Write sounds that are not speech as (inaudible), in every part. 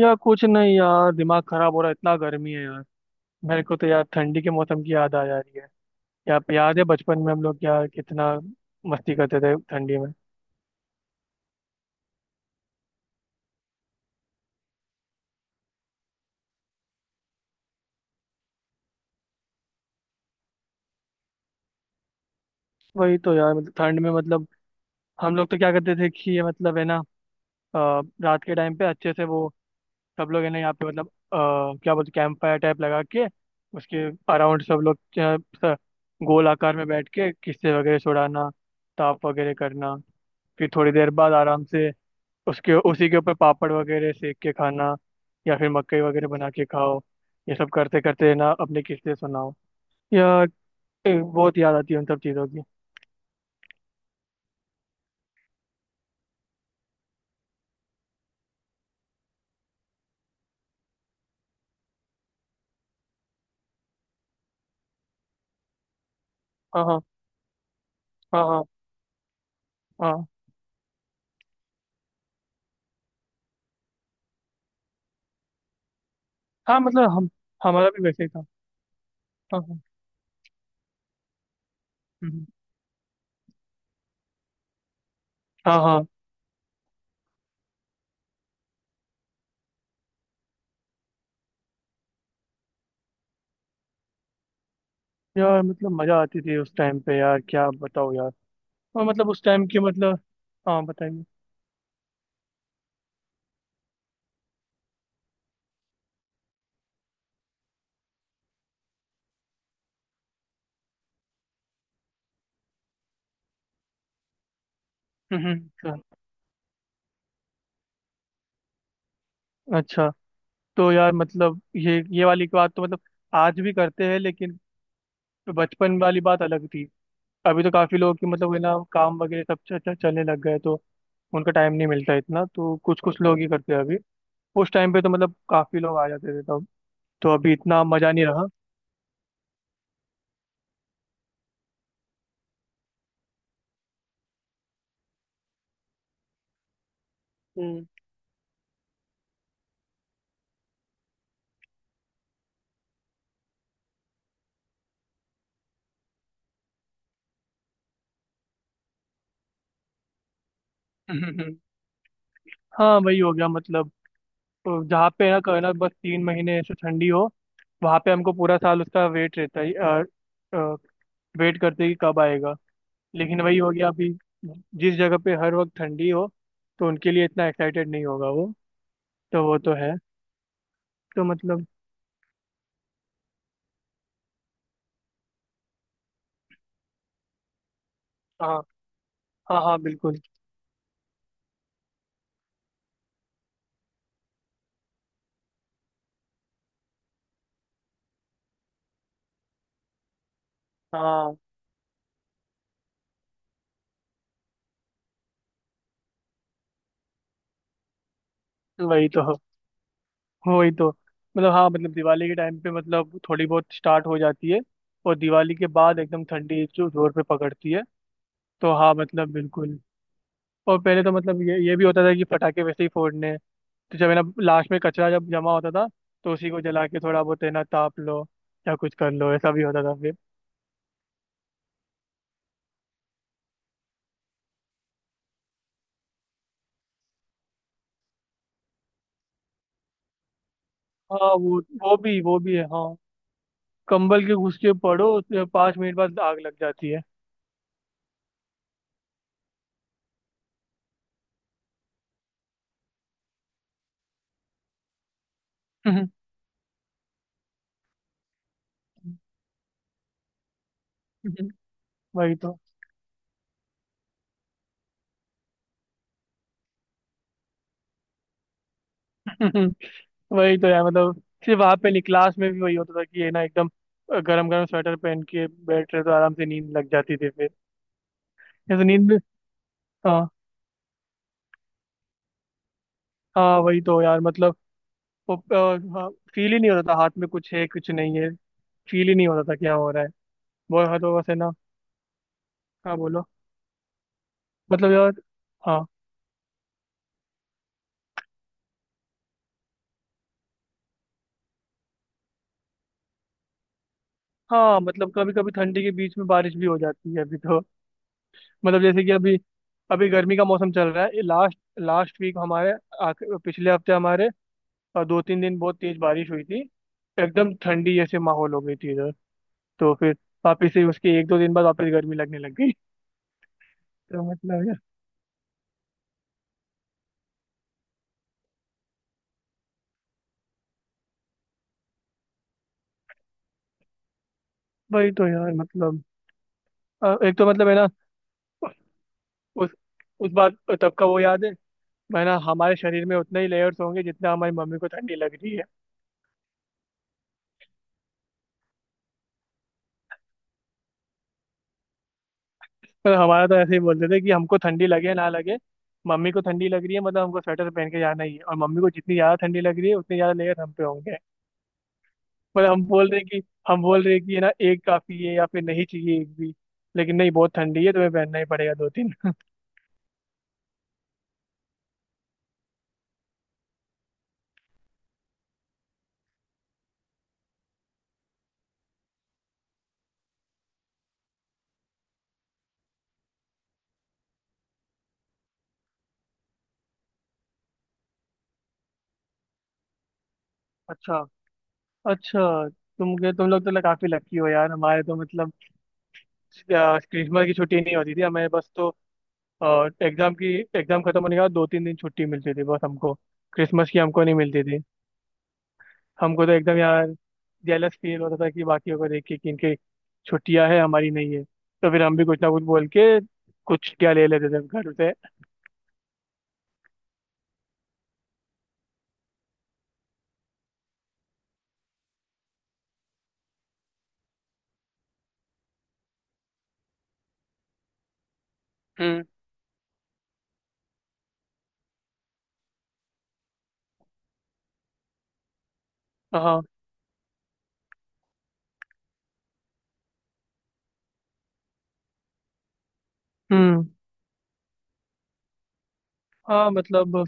यार कुछ नहीं यार, दिमाग खराब हो रहा है, इतना गर्मी है यार। मेरे को तो यार ठंडी के मौसम की याद आ जा रही है। यार याद है बचपन में हम लोग यार कितना मस्ती करते थे ठंडी में। वही तो यार, मतलब ठंड में, मतलब हम लोग तो क्या करते थे कि ये मतलब है ना अ, रात के टाइम पे अच्छे से वो सब लोग है ना यहाँ पे मतलब क्या बोलते, कैंप फायर टाइप लगा के उसके अराउंड सब लोग गोल आकार में बैठ के किस्से वगैरह सुनाना, ताप वगैरह करना, फिर थोड़ी देर बाद आराम से उसके उसी के ऊपर पापड़ वगैरह सेक के खाना या फिर मकई वगैरह बना के खाओ। ये सब करते करते ना अपनी किस्सें सुनाओ या बहुत याद आती है उन सब चीज़ों की। हाँ हाँ। हाँ हाँ। हाँ हाँ, मतलब हम हमारा भी वैसे ही था। हाँ हाँ। हम्म। हाँ हाँ। यार मतलब मज़ा आती थी उस टाइम पे यार, क्या बताओ यार। और मतलब उस टाइम की मतलब। हाँ बताइए। हम्म। अच्छा। अच्छा, तो यार मतलब ये वाली बात तो मतलब आज भी करते हैं, लेकिन बचपन वाली बात अलग थी। अभी तो काफी लोग की मतलब है ना काम वगैरह सब च, च, चलने लग गए, तो उनका टाइम नहीं मिलता इतना, तो कुछ कुछ लोग ही करते हैं अभी। उस टाइम पे तो मतलब काफी लोग आ जाते थे तब, तो अभी इतना मजा नहीं रहा। हम्म। (laughs) हाँ वही हो गया मतलब। तो जहाँ पे है ना कहना बस तीन महीने ऐसे ठंडी हो, वहाँ पे हमको पूरा साल उसका वेट रहता है, वेट करते कि कब आएगा। लेकिन वही हो गया अभी। जिस जगह पे हर वक्त ठंडी हो तो उनके लिए इतना एक्साइटेड नहीं होगा वो। तो वो तो है, तो मतलब। हाँ। हाँ हाँ बिल्कुल। हाँ वही तो। वही तो, मतलब हाँ, मतलब दिवाली के टाइम पे मतलब थोड़ी बहुत स्टार्ट हो जाती है, और दिवाली के बाद एकदम ठंडी जो जोर पे पकड़ती है। तो हाँ मतलब बिल्कुल। और पहले तो मतलब ये भी होता था कि पटाखे वैसे ही फोड़ने हैं। तो जब है ना लास्ट में कचरा जब जमा होता था तो उसी को जला के थोड़ा बहुत है ना ताप लो या कुछ कर लो, ऐसा भी होता था फिर। हाँ वो भी वो भी है हाँ। कंबल के घुस के पड़ो उसके पाँच मिनट बाद आग लग जाती है। (laughs) वही तो। (laughs) वही तो यार, मतलब सिर्फ वहां पे नहीं, क्लास में भी वही होता था कि ये ना एकदम गरम गरम स्वेटर पहन के बैठ रहे तो आराम से नींद लग जाती थी फिर, जैसे नींद में। हाँ। हाँ वही तो यार, मतलब वो फील ही नहीं होता था हाथ में कुछ है कुछ नहीं है। फील ही नहीं होता था क्या हो रहा है। वो हाँ, तो बस है ना। हाँ बोलो। मतलब यार। हाँ। हाँ, मतलब कभी कभी ठंडी के बीच में बारिश भी हो जाती है अभी तो। मतलब जैसे कि अभी, अभी गर्मी का मौसम चल रहा है। लास्ट लास्ट वीक हमारे, पिछले हफ्ते हमारे, और दो तीन दिन बहुत तेज बारिश हुई थी। एकदम ठंडी जैसे माहौल हो गई थी इधर। तो फिर वापस से उसके एक दो दिन बाद वापस गर्मी लगने लग गई। (laughs) तो मतलब यार। वही तो यार, मतलब एक तो मतलब है ना उस उस बात तब का वो याद है ना हमारे शरीर में उतना ही लेयर्स होंगे जितना हमारी मम्मी को ठंडी लग रही है। पर हमारा तो ऐसे ही बोलते थे कि हमको ठंडी लगे ना लगे, मम्मी को ठंडी लग रही है मतलब हमको स्वेटर पहन के जाना ही है, और मम्मी को जितनी ज्यादा ठंडी लग रही है उतने ज्यादा लेयर हम पे होंगे। मतलब हम बोल रहे हैं कि ये ना एक काफी है या फिर नहीं चाहिए एक भी। लेकिन नहीं बहुत ठंडी है, तुम्हें पहनना ही पड़ेगा दो तीन। (laughs) अच्छा। अच्छा तुम लोग तो काफी लकी हो यार। हमारे तो मतलब क्रिसमस की छुट्टी नहीं होती थी हमें, बस तो अ, एग्जाम की एग्जाम खत्म होने के बाद दो तीन दिन छुट्टी मिलती थी बस हमको। क्रिसमस की हमको नहीं मिलती थी। हमको तो एकदम यार जेलस फील होता था कि बाकियों को देख के कि इनके छुट्टियां है हमारी नहीं है, तो फिर हम भी कुछ ना कुछ बोल के कुछ छुट्टियां ले लेते थे घर से। हम्म। हाँ। हम्म। हाँ मतलब।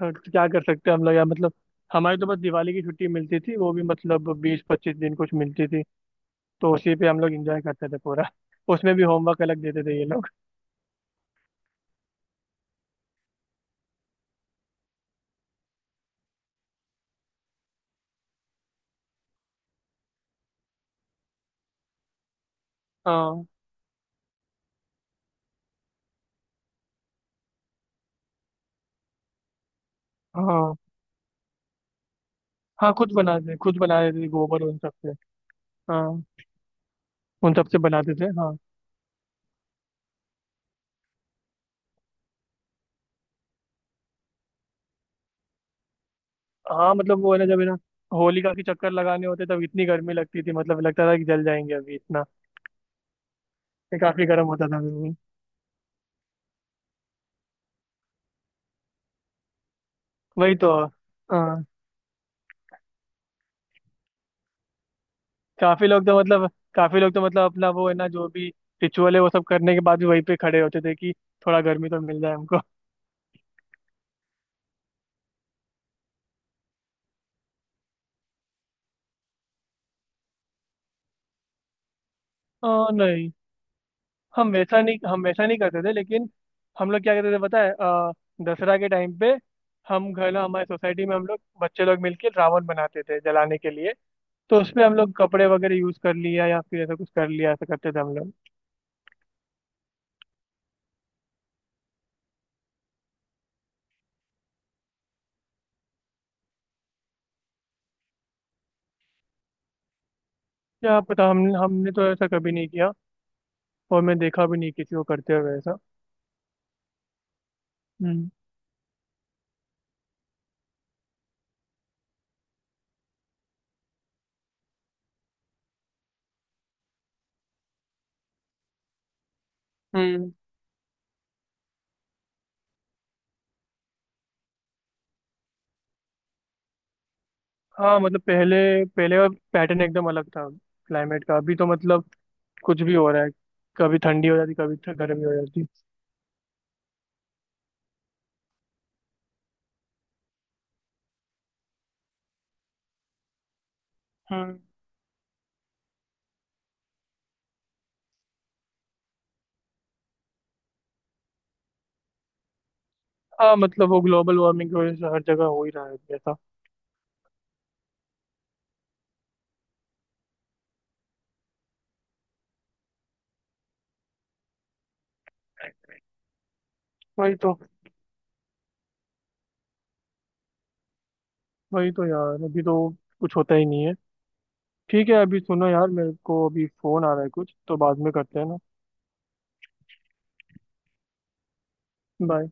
हाँ, क्या कर सकते हैं हम लोग यार, मतलब हमारी तो बस दिवाली की छुट्टी मिलती थी, वो भी मतलब बीस पच्चीस दिन कुछ मिलती थी, तो उसी पे हम लोग एंजॉय करते थे पूरा। (laughs) उसमें भी होमवर्क अलग देते थे ये लोग। हाँ। हाँ। हाँ खुद बनाते थे गोबर उन सब से। हाँ उन सब से बनाते थे हाँ। हाँ मतलब वो है ना, जब है ना होलिका के चक्कर लगाने होते तब इतनी गर्मी लगती थी, मतलब लगता था कि जल जाएंगे अभी इतना। ये काफी गर्म होता था अभी भी। वही तो। हाँ काफी लोग तो मतलब काफी लोग तो मतलब अपना वो है ना जो भी रिचुअल है वो सब करने के बाद भी वहीं पे खड़े होते थे कि थोड़ा गर्मी तो मिल जाए हमको। (laughs) नहीं। हम ऐसा नहीं करते थे, लेकिन हम लोग क्या करते थे पता है दसरा के टाइम पे हम घर ना, हमारे सोसाइटी में हम लोग बच्चे लोग मिलके रावण बनाते थे जलाने के लिए। तो उसमें हम लोग कपड़े वगैरह यूज कर लिया या फिर ऐसा कुछ कर लिया, ऐसा करते थे हम लोग। क्या पता, हम हमने तो ऐसा कभी नहीं किया, और मैं देखा भी नहीं किसी को करते हुए ऐसा। हम्म। हम्म। हाँ मतलब पहले पहले का पैटर्न एकदम अलग था, क्लाइमेट का। अभी तो मतलब कुछ भी हो रहा है। कभी ठंडी हो जाती, कभी गर्मी हो जाती। हम्म। हाँ मतलब वो ग्लोबल वार्मिंग की वजह से हर जगह हो ही रहा है अभी ऐसा। वही तो। वही तो यार, अभी तो कुछ होता ही नहीं है। ठीक है अभी सुनो यार, मेरे को अभी फोन आ रहा है कुछ, तो बाद में करते हैं ना। बाय।